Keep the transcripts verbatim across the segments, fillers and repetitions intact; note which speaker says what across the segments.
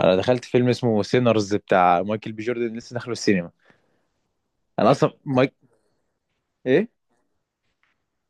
Speaker 1: انا دخلت فيلم اسمه سينرز بتاع مايكل بي جوردن لسه داخله السينما. انا اصلا مايك. ايه،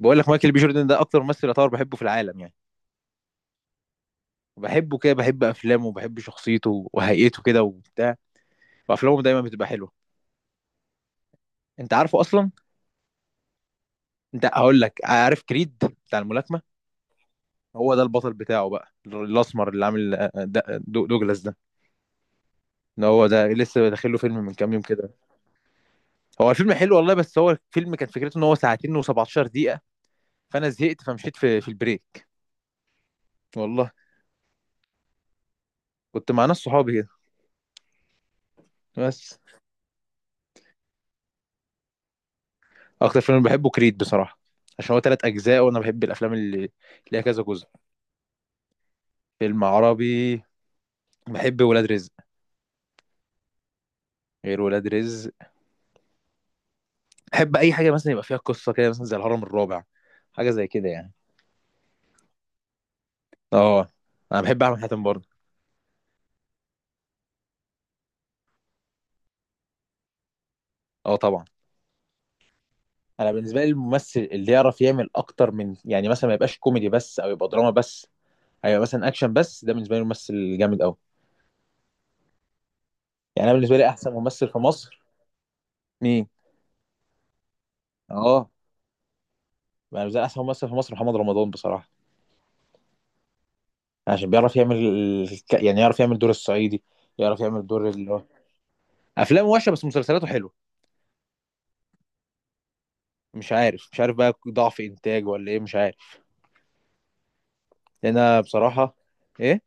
Speaker 1: بقول لك مايكل بي جوردن ده اكتر ممثل يعتبر بحبه في العالم يعني. بحبه كده، بحب افلامه وبحب شخصيته وهيئته كده وبتاع، وافلامه دايما بتبقى حلوه. انت عارفه اصلا. انت هقول لك: عارف كريد بتاع الملاكمه؟ هو ده البطل بتاعه بقى، الاسمر اللي عامل آه، ده- دو- دوجلاس ده. ان هو ده لسه داخل له فيلم من كام يوم كده. هو الفيلم حلو والله، بس هو الفيلم كان فكرته ان هو ساعتين و17 دقيقه. فانا زهقت فمشيت في في البريك. والله. كنت مع ناس صحابي كده، بس. اكتر فيلم بحبه كريد بصراحه، عشان هو تلات اجزاء وانا بحب الافلام اللي ليها كذا جزء. فيلم عربي، بحب ولاد رزق. غير ولاد رزق، بحب اي حاجه مثلا يبقى فيها قصه كده، مثلا زي الهرم الرابع، حاجه زي كده يعني. اه، انا بحب احمد حاتم برضه. اه طبعا. انا بالنسبه لي الممثل اللي يعرف يعمل اكتر من يعني، مثلا ما يبقاش كوميدي بس او يبقى دراما بس، هيبقى مثلا اكشن بس، ده بالنسبه لي ممثل جامد قوي. يعني انا بالنسبه لي احسن ممثل في مصر. مين؟ اه، انا بالنسبه لي احسن ممثل في مصر محمد رمضان بصراحه. عشان بيعرف يعمل الك... يعني يعرف يعمل دور الصعيدي، يعرف يعمل دور اللي هو، افلامه وحشه بس مسلسلاته حلوه. مش عارف، مش عارف بقى ضعف انتاج ولا ايه، مش عارف. لان أنا بصراحه. ايه؟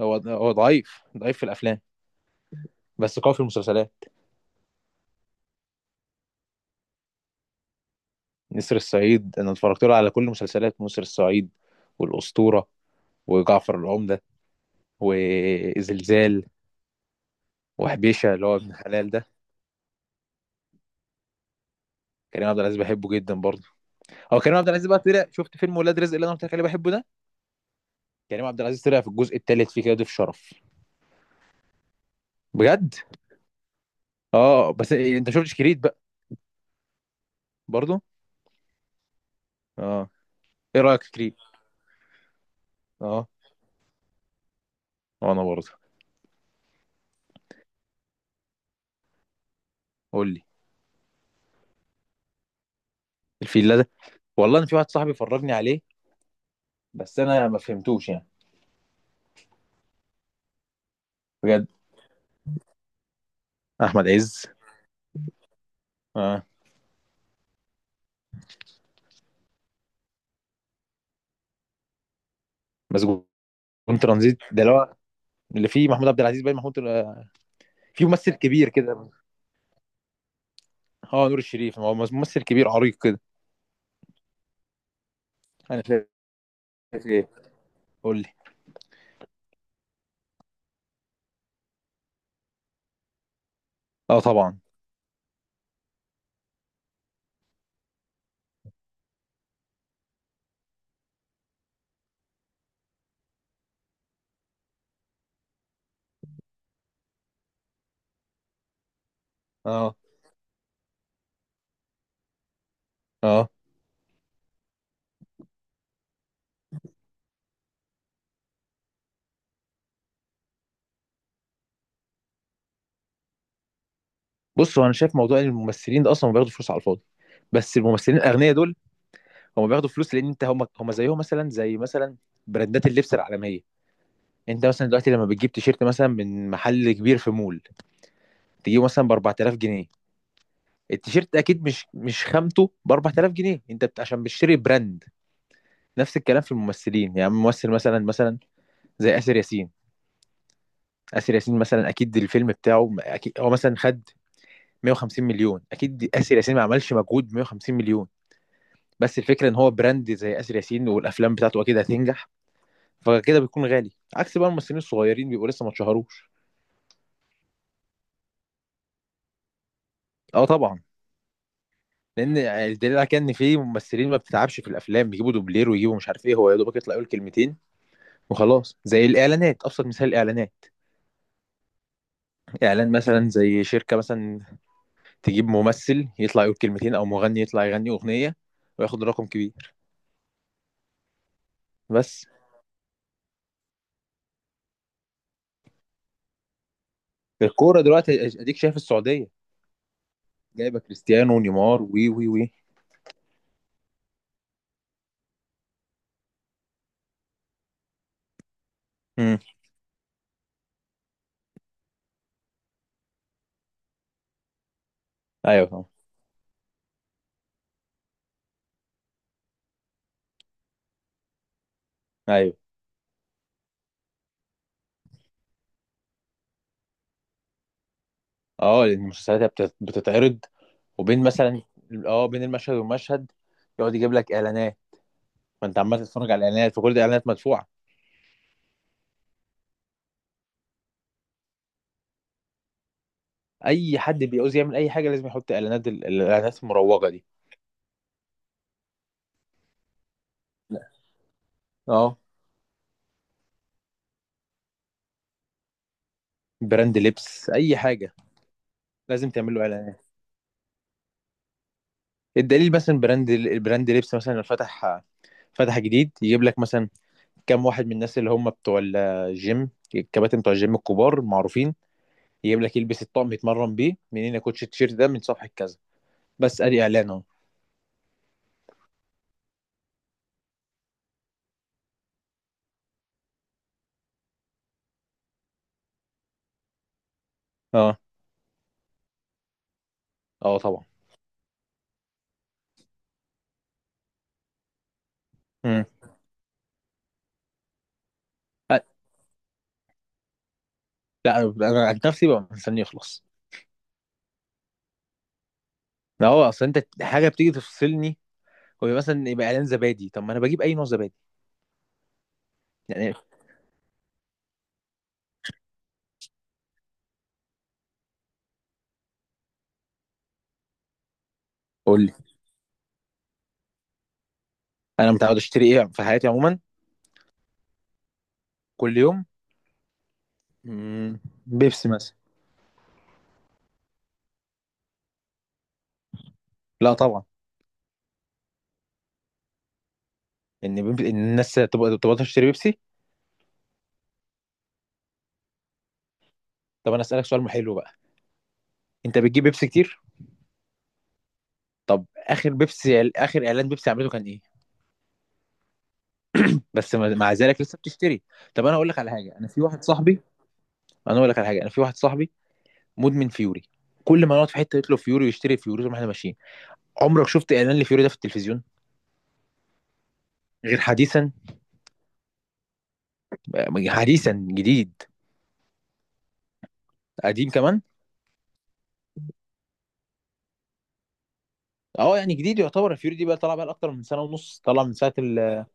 Speaker 1: هو هو ضعيف ضعيف في الافلام، بس قوي في المسلسلات. نسر الصعيد انا اتفرجت له على كل مسلسلات نسر الصعيد، والاسطوره، وجعفر العمده، وزلزال، وحبيشه اللي هو ابن حلال ده. كريم عبد العزيز بحبه جدا برضه. هو كريم عبد العزيز بقى طلع، شفت فيلم ولاد رزق اللي انا قلت لك عليه بحبه ده، كريم عبد العزيز طلع في الجزء الثالث فيه كده ضيف شرف. بجد. اه بس إيه، انت شفتش كريد بقى برضه؟ اه. ايه رايك في كريد؟ اه وانا برضه. قول لي. الفيلا ده، والله انا في واحد صاحبي فرجني عليه، بس انا ما فهمتوش يعني. بجد. احمد عز. اه. مسجون ترانزيت ده اللي هو، اللي فيه محمود عبد العزيز، باين محمود آه، في ممثل كبير كده. اه، نور الشريف هو ممثل كبير عريق كده. انا شايف. ايه؟ قول لي. اه طبعا. اه. اه. بص، هو انا شايف موضوع إن الممثلين ده اصلا ما بياخدوا فلوس على الفاضي، بس الممثلين الاغنياء دول هم بياخدوا فلوس لان انت، هم هم زيهم مثلا، زي مثلا براندات اللبس العالميه. انت مثلا دلوقتي لما بتجيب تيشيرت مثلا من محل كبير في مول، تجيبه مثلا ب اربعة آلاف جنيه. التيشيرت اكيد مش مش خامته ب اربعة آلاف جنيه، انت بت... عشان بتشتري براند. نفس الكلام في الممثلين. يعني ممثل مثلا مثلا، زي آسر ياسين. آسر ياسين مثلا اكيد الفيلم بتاعه، اكيد هو مثلا خد 150 مليون، اكيد آسر ياسين ما عملش مجهود ب 150 مليون، بس الفكره ان هو براند، زي آسر ياسين والافلام بتاعته اكيد هتنجح، فكده بيكون غالي. عكس بقى الممثلين الصغيرين، بيبقوا لسه ما اتشهروش. اه طبعا. لان الدليل على كده ان في ممثلين ما بتتعبش في الافلام، بيجيبوا دوبلير ويجيبوا، مش عارف ايه، هو يا دوبك يطلع يقول كلمتين وخلاص. زي الاعلانات، ابسط مثال الاعلانات. اعلان مثلا زي شركه مثلا، تجيب ممثل يطلع يقول كلمتين او مغني يطلع يغني اغنيه، وياخد رقم كبير. بس الكوره دلوقتي اديك شايف السعوديه جايبه كريستيانو ونيمار وي وي وي امم. ايوه طبعا. ايوه. اه، لان المسلسلات هي بتت- بتتعرض وبين مثلا، اه بين المشهد والمشهد يقعد يجيب لك اعلانات، فانت عمال تتفرج على الاعلانات وكل دي اعلانات مدفوعه. اي حد بيعوز يعمل اي حاجه لازم يحط اعلانات، ال- الاعلانات المروجه دي. اه براند لبس اي حاجه، لازم تعمل له اعلانات. الدليل مثلا براند، البراند لبس مثلا لو فتح فتح جديد، يجيب لك مثلا كام واحد من الناس اللي هم بتوع الجيم، الكباتن بتوع الجيم الكبار معروفين، يجيب لك يلبس الطقم يتمرن بيه منين يا كوتش، التيشيرت ده من صفحه كذا. بس ادي اعلان اهو. اه. اه طبعا. مم. أ- لا انا عن نفسي ببقى مستني يخلص. ما هو اصل انت حاجه بتيجي تفصلني، هو مثلا يبقى اعلان زبادي، طب ما انا بجيب اي نوع زبادي يعني. قول لي. انا متعود اشتري ايه في حياتي عموما؟ كل يوم. مم، بيبسي مثلا. لا طبعا. ان بيب... إن الناس تبقى تبقى تشتري بيبسي. طب انا اسالك سؤال حلو بقى. انت بتجيب بيبسي كتير؟ طب اخر بيبسي، اخر اعلان بيبسي عملته كان ايه؟ بس مع مع ذلك لسه بتشتري. طب انا اقول لك على حاجه، انا في واحد صاحبي. انا اقول لك على حاجه، انا في واحد صاحبي مدمن فيوري، كل ما نقعد في حته يطلب فيوري ويشتري فيوري طول ما احنا ماشيين. عمرك شفت اعلان لفيوري ده في التلفزيون؟ غير حديثا. حديثا جديد. قديم كمان. اه، يعني جديد يعتبر. الفيوري دي بقى طالعه بقى اكتر من سنه ونص، طالعه من ساعه ال-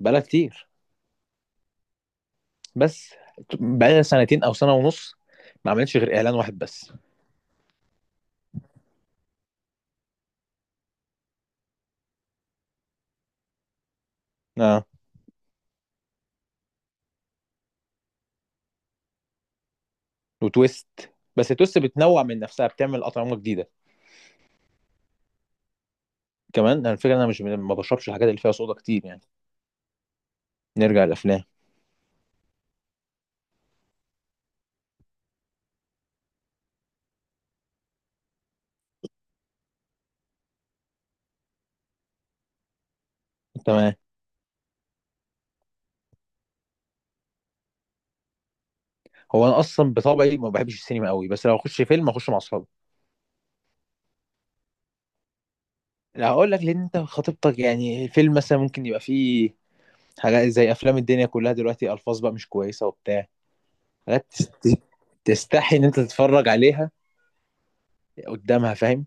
Speaker 1: بقالها كتير، بس. بقالها سنتين او سنه ونص، ما عملتش غير اعلان واحد بس. اه. وتويست، بس تويست بتنوع من نفسها، بتعمل اطعمه جديده كمان. انا الفكره، انا مش، ما بشربش الحاجات اللي فيها صودا كتير يعني. نرجع للافلام. تمام. هو انا اصلا بطبعي ما بحبش السينما قوي، بس لو اخش فيلم اخش مع اصحابي. لا هقول لك، لان انت خطيبتك يعني، الفيلم مثلا ممكن يبقى فيه حاجات، زي افلام الدنيا كلها دلوقتي الفاظ بقى مش كويسه وبتاع، حاجات تست- تستحي ان انت تتفرج عليها قدامها، فاهم؟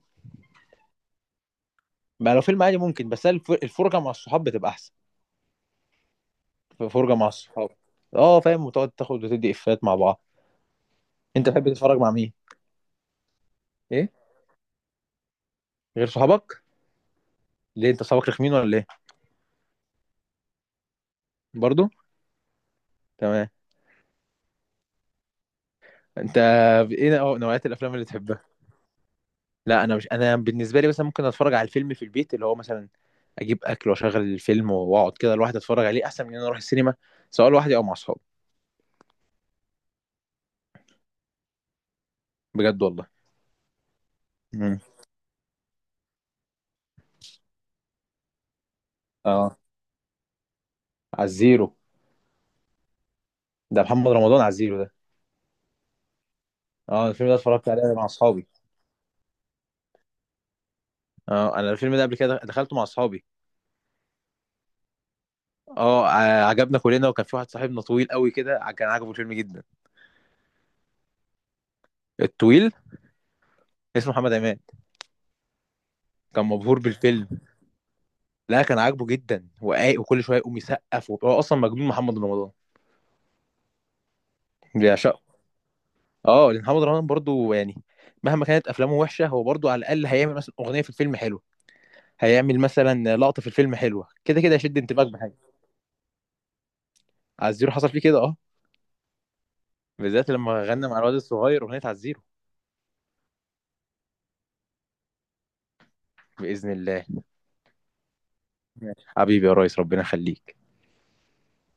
Speaker 1: بقى لو فيلم عادي ممكن، بس الف- الفرجه مع الصحاب بتبقى احسن. فرجه مع الصحاب، اه فاهم، وتقعد تاخد وتدي افيهات مع بعض. انت بتحب تتفرج مع مين؟ ايه، غير صحابك؟ ليه انت صحابك رخمين ولا ايه؟ برضو. تمام. انت ايه نوعيات الافلام اللي تحبها؟ لا انا مش، انا بالنسبه لي مثلا ممكن اتفرج على الفيلم في البيت، اللي هو مثلا اجيب اكل واشغل الفيلم واقعد كده لوحدي اتفرج عليه، احسن من ان انا اروح السينما، سواء لوحدي او مع اصحابي. بجد والله. امم. اه على الزيرو. ده محمد رمضان على الزيرو ده. اه الفيلم ده اتفرجت عليه مع اصحابي. اه انا الفيلم ده قبل كده دخلته مع اصحابي. اه، ع- عجبنا كلنا، وكان في واحد صاحبنا طويل قوي كده، ع- كان عاجبه الفيلم جدا. الطويل، اسمه محمد عماد. كان مبهور بالفيلم. لا كان عاجبه جدا وقايق، وكل شويه يقوم يسقف، وهو اصلا مجنون محمد رمضان، بيعشقه. اه لان محمد رمضان برضو يعني، مهما كانت افلامه وحشه هو برضو على الاقل هيعمل مثلا اغنيه في الفيلم حلوه، هيعمل مثلا لقطه في الفيلم حلوه، كده كده هيشد انتباك بحاجه. عزيرو حصل فيه كده اه، بالذات لما غنى مع الواد الصغير اغنيه عزيرو. باذن الله. ماشي. حبيبي يا ريس ربنا يخليك.